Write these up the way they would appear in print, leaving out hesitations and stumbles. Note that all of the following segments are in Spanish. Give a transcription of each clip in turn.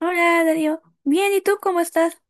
Hola, Darío. Bien, ¿y tú cómo estás?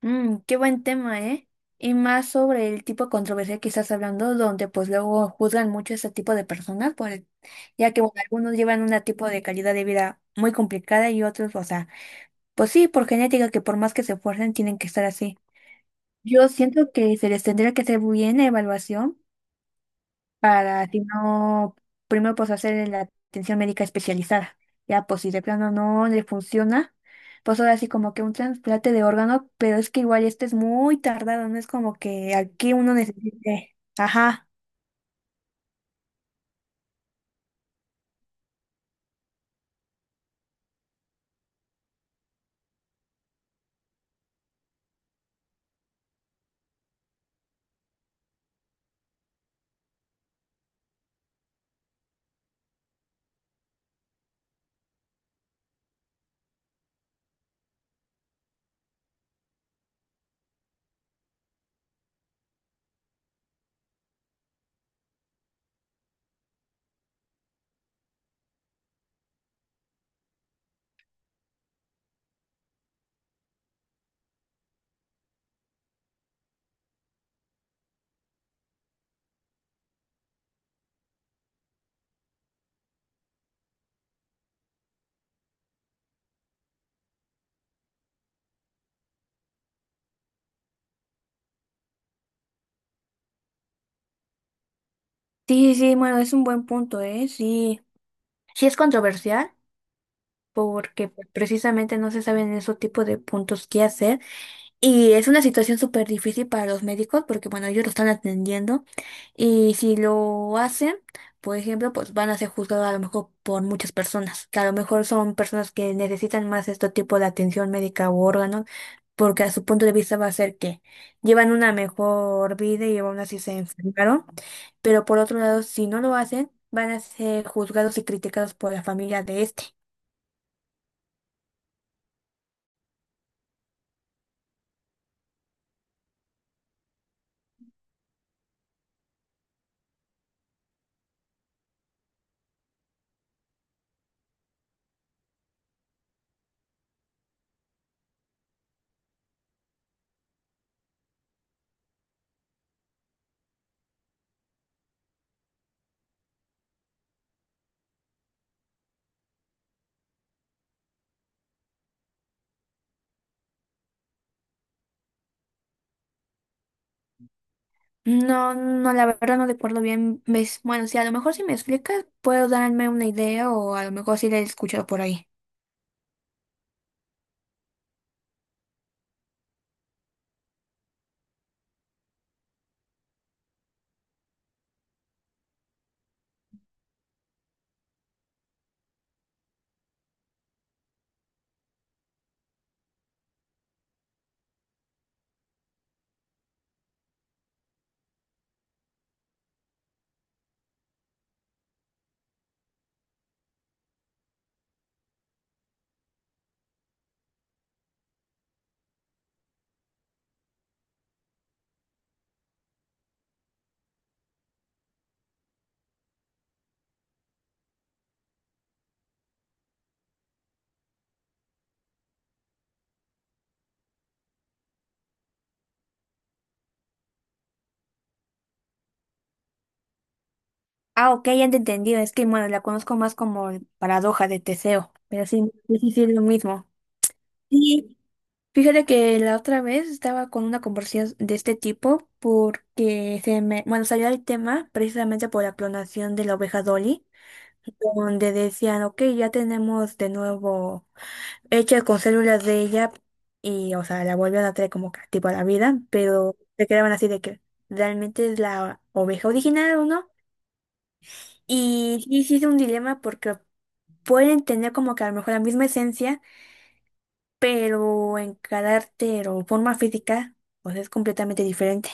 Mm, qué buen tema, ¿eh? Y más sobre el tipo de controversia que estás hablando, donde pues luego juzgan mucho ese tipo de personas, por el- ya que bueno, algunos llevan un tipo de calidad de vida muy complicada y otros, o sea, pues sí, por genética, que por más que se esfuercen, tienen que estar así. Yo siento que se les tendría que hacer bien la evaluación para si no, primero pues hacer la atención médica especializada. Ya, pues si de plano no le funciona, pues ahora sí como que un trasplante de órgano, pero es que igual este es muy tardado, no es como que aquí uno necesite. Ajá. Sí, sí, bueno, es un buen punto, ¿eh? Sí, sí es controversial porque pues, precisamente no se saben esos tipos de puntos qué hacer. Y es una situación súper difícil para los médicos porque, bueno, ellos lo están atendiendo y si lo hacen, por ejemplo, pues van a ser juzgados a lo mejor por muchas personas, que a lo mejor son personas que necesitan más este tipo de atención médica u órganos, porque a su punto de vista va a ser que llevan una mejor vida y aún así se enfermaron, pero por otro lado, si no lo hacen, van a ser juzgados y criticados por la familia de este. No, no, la verdad no recuerdo bien. Ves, bueno, sí, a lo mejor si me explicas, puedo darme una idea o a lo mejor sí la he escuchado por ahí. Ah, ok, ya te entendí. Es que, bueno, la conozco más como el paradoja de Teseo, pero sí, es lo mismo. Sí, fíjate que la otra vez estaba con una conversación de este tipo porque bueno, salió el tema precisamente por la clonación de la oveja Dolly, donde decían, ok, ya tenemos de nuevo, hecha con células de ella y, o sea, la vuelven a traer como que tipo a la vida, pero se quedaban así de que realmente es la oveja original o no. Y sí, sí es un dilema porque pueden tener como que a lo mejor la misma esencia, pero en carácter o forma física, o sea, es completamente diferente.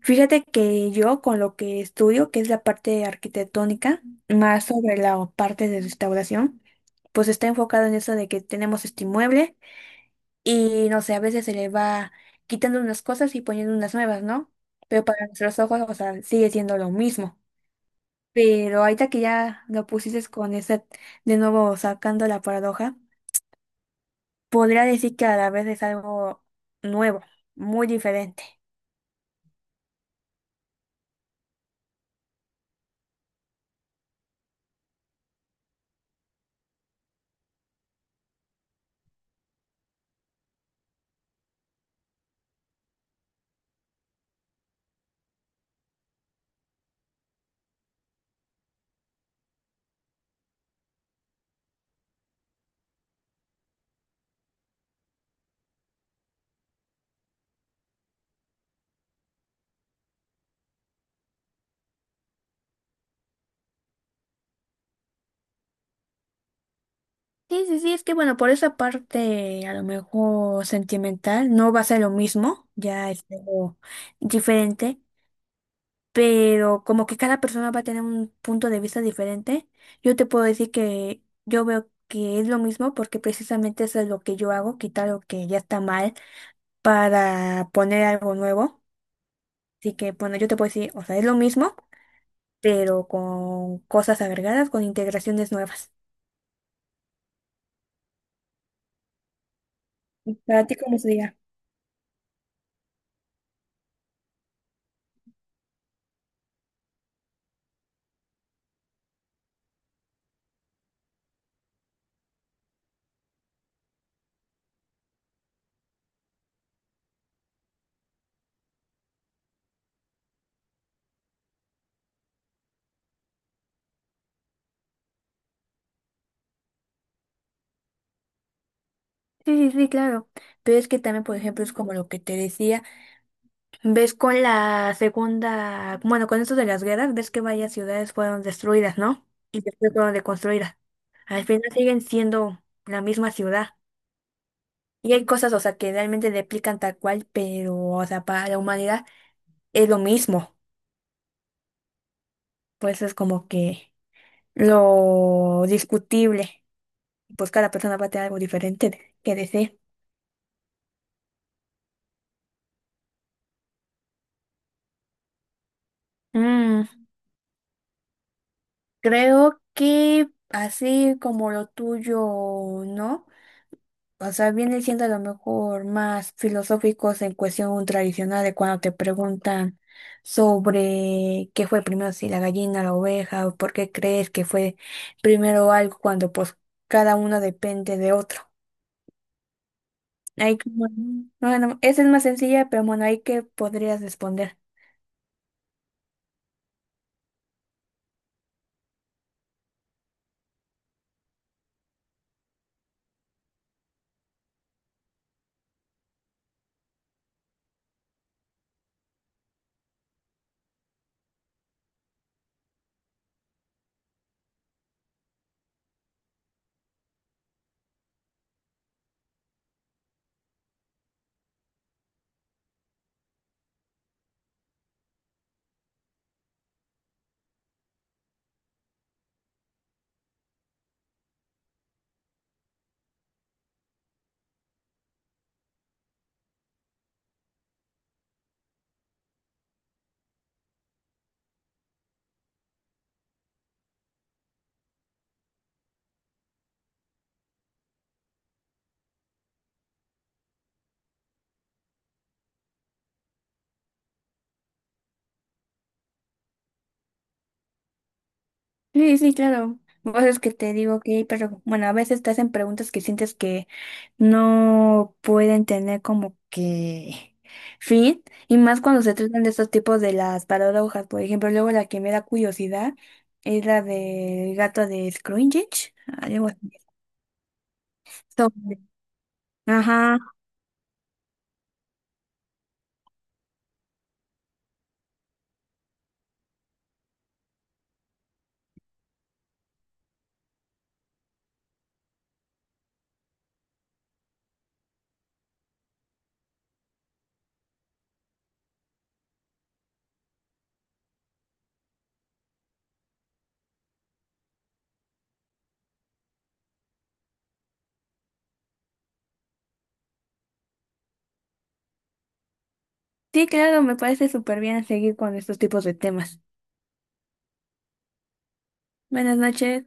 Fíjate que yo con lo que estudio, que es la parte arquitectónica, más sobre la parte de restauración, pues está enfocado en eso de que tenemos este inmueble. Y no sé, a veces se le va quitando unas cosas y poniendo unas nuevas, ¿no? Pero para nuestros ojos, o sea, sigue siendo lo mismo. Pero ahorita que ya lo pusiste con esa, de nuevo sacando la paradoja, podría decir que a la vez es algo nuevo, muy diferente. Sí, es que bueno, por esa parte a lo mejor sentimental no va a ser lo mismo, ya es algo diferente, pero como que cada persona va a tener un punto de vista diferente, yo te puedo decir que yo veo que es lo mismo porque precisamente eso es lo que yo hago, quitar lo que ya está mal para poner algo nuevo. Así que bueno, yo te puedo decir, o sea, es lo mismo, pero con cosas agregadas, con integraciones nuevas. ¿Para ti cómo sería? Sí, claro. Pero es que también, por ejemplo, es como lo que te decía. Ves con la segunda, bueno, con esto de las guerras, ves que varias ciudades fueron destruidas, ¿no? Y después fueron reconstruidas. Al final siguen siendo la misma ciudad. Y hay cosas, o sea, que realmente replican tal cual, pero, o sea, para la humanidad es lo mismo. Pues es como que lo discutible. Pues cada persona va a tener algo diferente de- que decir. Mm, creo que así como lo tuyo, ¿no? O sea, viene siendo a lo mejor más filosóficos en cuestión tradicional de cuando te preguntan sobre qué fue primero, si la gallina, la oveja, o por qué crees que fue primero algo cuando pues cada uno depende de otro. Ahí como, bueno, esa es más sencilla, pero bueno, ahí que podrías responder. Sí, sí, claro. Vos es que te digo que, pero bueno, a veces te hacen preguntas que sientes que no pueden tener como que fin, y más cuando se tratan de estos tipos de las paradojas, por ejemplo, luego la que me da curiosidad es la del gato de Scroogge, algo así. Sobre- Ajá, sí, claro, me parece súper bien seguir con estos tipos de temas. Buenas noches.